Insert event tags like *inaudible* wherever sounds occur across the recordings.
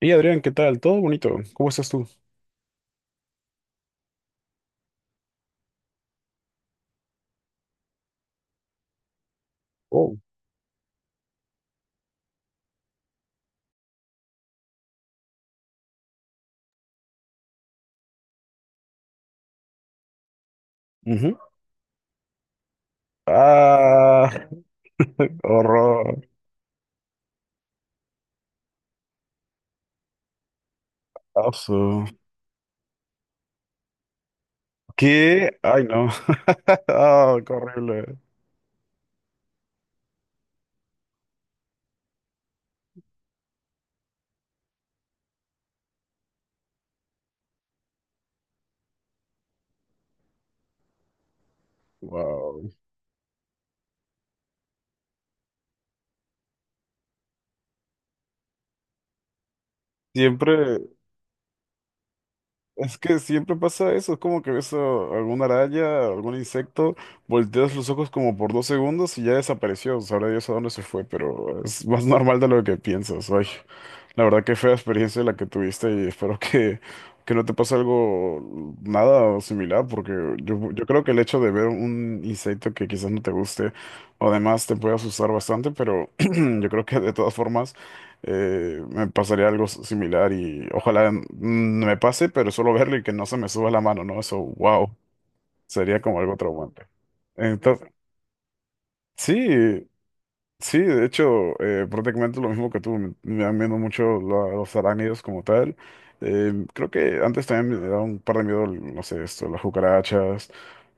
Y Adrián, ¿qué tal? ¿Todo bonito? ¿Cómo estás tú? Oh. Ujú. Ah, *laughs* horror. Asu. ¿Qué? Ay, no. *laughs* Ah, qué horrible. Wow. Siempre, es que siempre pasa eso. Es como que alguna araña, algún insecto, volteas los ojos como por dos segundos y ya desapareció. Sabrá Dios a dónde se fue, pero es más normal de lo que piensas. Ay. La verdad que fea experiencia la que tuviste y que no te pase algo nada o similar, porque yo creo que el hecho de ver un insecto que quizás no te guste, además te puede asustar bastante, pero *clears throat* yo creo que de todas formas me pasaría algo similar y ojalá no me pase, pero solo verlo y que no se me suba la mano, ¿no? Eso, wow, sería como algo traumante. Entonces, sí. Sí, de hecho, prácticamente lo mismo que tú, me dan miedo mucho los arácnidos como tal. Creo que antes también me daba un par de miedo, no sé, esto, las cucarachas,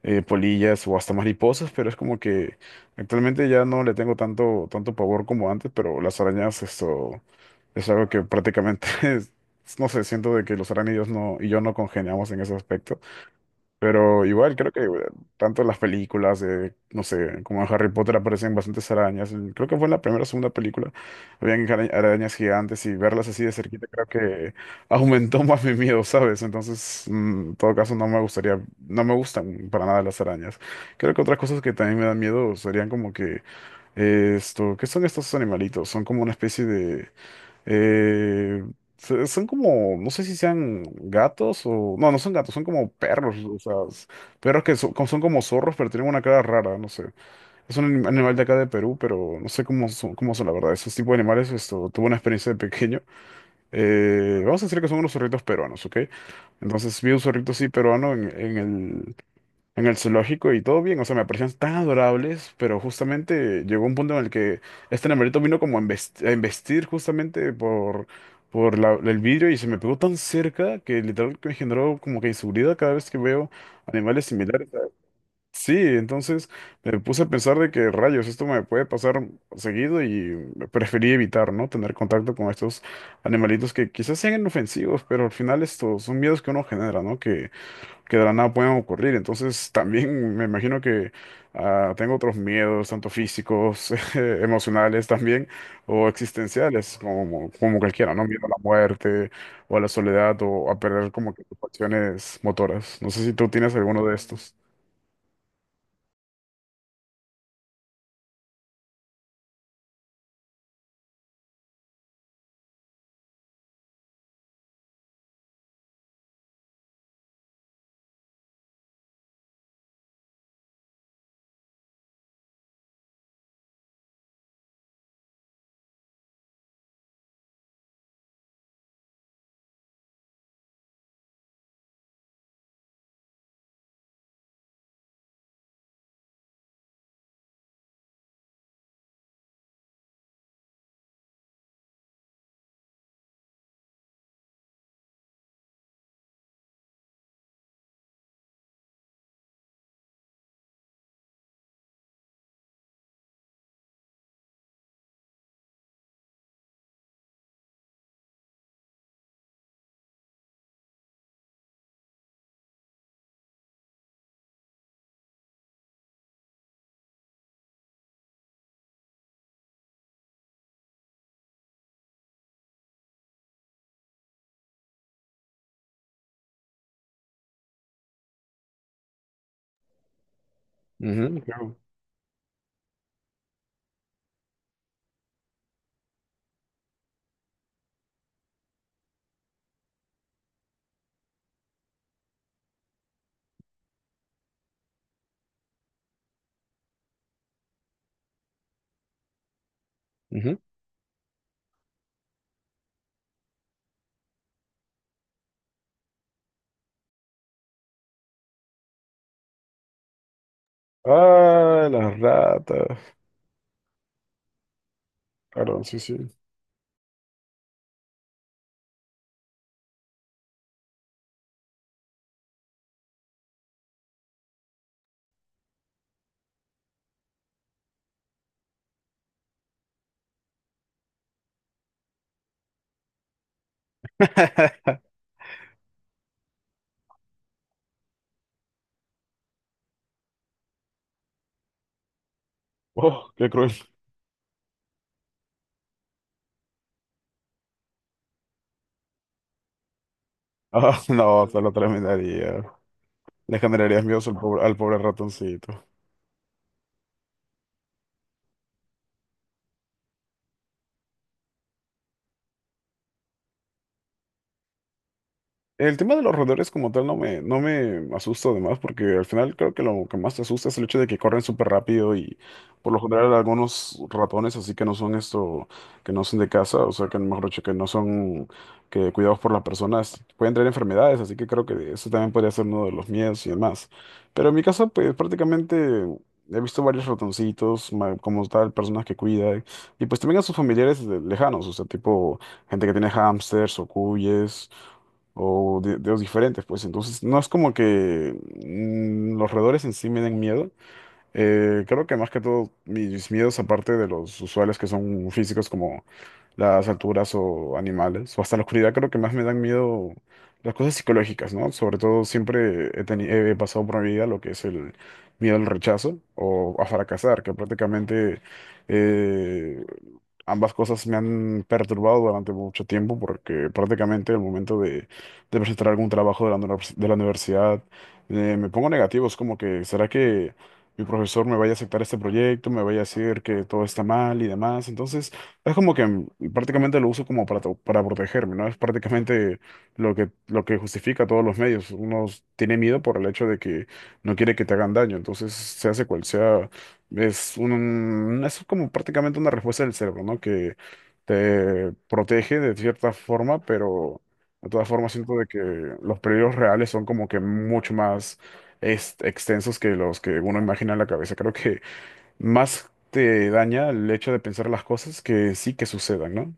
polillas o hasta mariposas, pero es como que actualmente ya no le tengo tanto pavor como antes, pero las arañas, esto, es algo que prácticamente, *laughs* no sé, siento de que los arácnidos no, y yo no congeniamos en ese aspecto. Pero igual creo que tanto las películas, de, no sé, como en Harry Potter aparecen bastantes arañas. Creo que fue en la primera o segunda película. Habían arañas gigantes y verlas así de cerquita creo que *laughs* aumentó más mi miedo, ¿sabes? Entonces, mm, en todo caso, no me gustaría, no me gustan para nada las arañas. Creo que otras cosas que también me dan miedo serían como que esto, ¿qué son estos animalitos? Son como una especie de... Eh, son como, no sé si sean gatos o... No, no son gatos, son como perros. Perros que son como zorros, pero tienen una cara rara, no sé. Es un animal de acá de Perú, pero no sé cómo son la verdad. Esos tipos de animales, esto, tuve una experiencia de pequeño. Vamos a decir que son unos zorritos peruanos, ¿ok? Entonces vi un zorrito así peruano en el zoológico y todo bien, o sea, me parecían tan adorables, pero justamente llegó un punto en el que este nemerito vino como a a embestir por el vidrio y se me pegó tan cerca que literal que me generó como que inseguridad cada vez que veo animales similares. Sí, entonces me puse a pensar de que rayos, esto me puede pasar seguido y preferí evitar, ¿no? Tener contacto con estos animalitos que quizás sean inofensivos, pero al final estos son miedos que uno genera, ¿no? Que de la nada puedan ocurrir. Entonces, también me imagino que ah, tengo otros miedos, tanto físicos, *laughs* emocionales también, o existenciales, como cualquiera, ¿no? Miedo a la muerte, o a la soledad, o a perder como que tus pasiones motoras. No sé si tú tienes alguno de estos. Ujú, claro. Ujú. Ah, las ratas. Claro, sí, sí. Oh, qué cruel. Ah, *laughs* no, solo terminaría. Le generarías miedo al pobre ratoncito. El tema de los roedores como tal no me asusta además, porque al final creo que lo que más te asusta es el hecho de que corren súper rápido y por lo general algunos ratones así que no son esto, que no son de casa, o sea que mejor dicho que no son que cuidados por las personas, pueden traer enfermedades, así que creo que eso también podría ser uno de los miedos y demás. Pero en mi casa pues prácticamente he visto varios ratoncitos, como tal, personas que cuidan, y pues también a sus familiares lejanos, o sea tipo gente que tiene hámsters o cuyes o de diferentes, pues entonces no es como que mm, los roedores en sí me den miedo. Creo que más que todo mis miedos, aparte de los usuales que son físicos, como las alturas o animales, o hasta la oscuridad, creo que más me dan miedo las cosas psicológicas, ¿no? Sobre todo siempre he pasado por mi vida lo que es el miedo al rechazo o a fracasar, que prácticamente eh, ambas cosas me han perturbado durante mucho tiempo, porque prácticamente el momento de presentar algún trabajo de de la universidad, me pongo negativo, es como que, ¿será que... Mi profesor me vaya a aceptar este proyecto, me vaya a decir que todo está mal y demás. Entonces, es como que mm, prácticamente lo uso como para, para protegerme, ¿no? Es prácticamente lo que justifica todos los medios. Uno tiene miedo por el hecho de que no quiere que te hagan daño, entonces se hace cual sea. Es como prácticamente una respuesta del cerebro, ¿no? Que te protege de cierta forma, pero de todas formas siento de que los peligros reales son como que mucho más es extensos que los que uno imagina en la cabeza. Creo que más te daña el hecho de pensar las cosas que sí que sucedan, ¿no?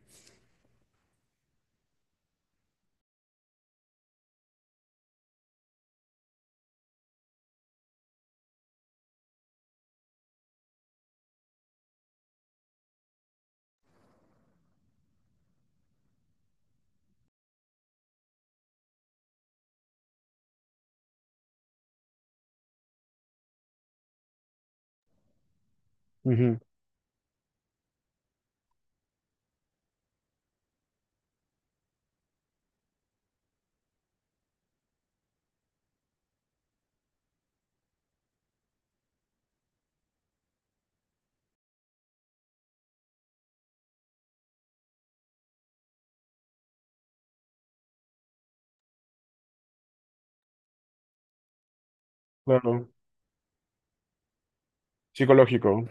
Ujú, claro. Psicológico.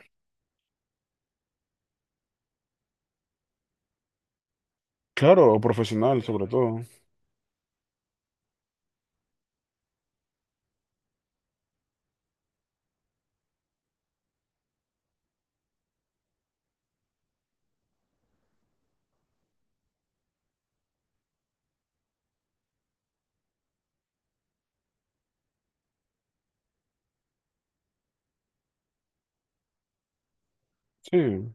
Claro, o profesional sobre todo. Sí.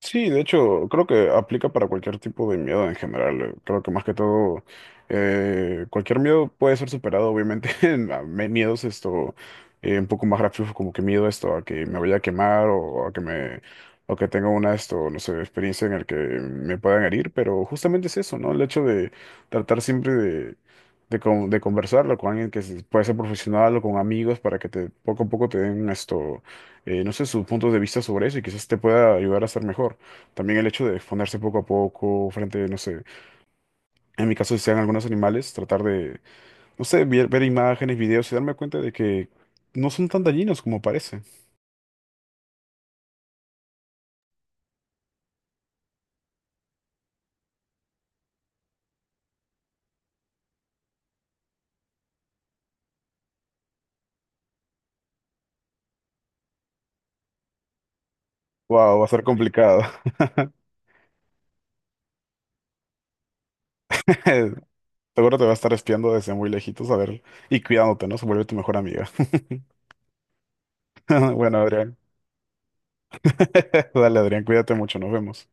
Sí, de hecho, creo que aplica para cualquier tipo de miedo en general. Creo que más que todo, cualquier miedo puede ser superado, obviamente. *laughs* Miedos esto, un poco más gráficos, como que miedo esto a que me vaya a quemar o a que me, o que tenga una esto, no sé, experiencia en el que me puedan herir, pero justamente es eso, ¿no? El hecho de tratar siempre de conversarlo con alguien puede ser profesional o con amigos para que te, poco a poco te den esto no sé, sus puntos de vista sobre eso y quizás te pueda ayudar a ser mejor. También el hecho de exponerse poco a poco frente, no sé, en mi caso si sean algunos animales, tratar de, no sé, ver imágenes, videos y darme cuenta de que no son tan dañinos como parece. Wow, va a ser complicado. *laughs* Seguro te va a estar espiando desde muy lejitos a ver y cuidándote, ¿no? Se vuelve tu mejor amiga. *laughs* Bueno, Adrián. *laughs* Dale, Adrián, cuídate mucho, nos vemos.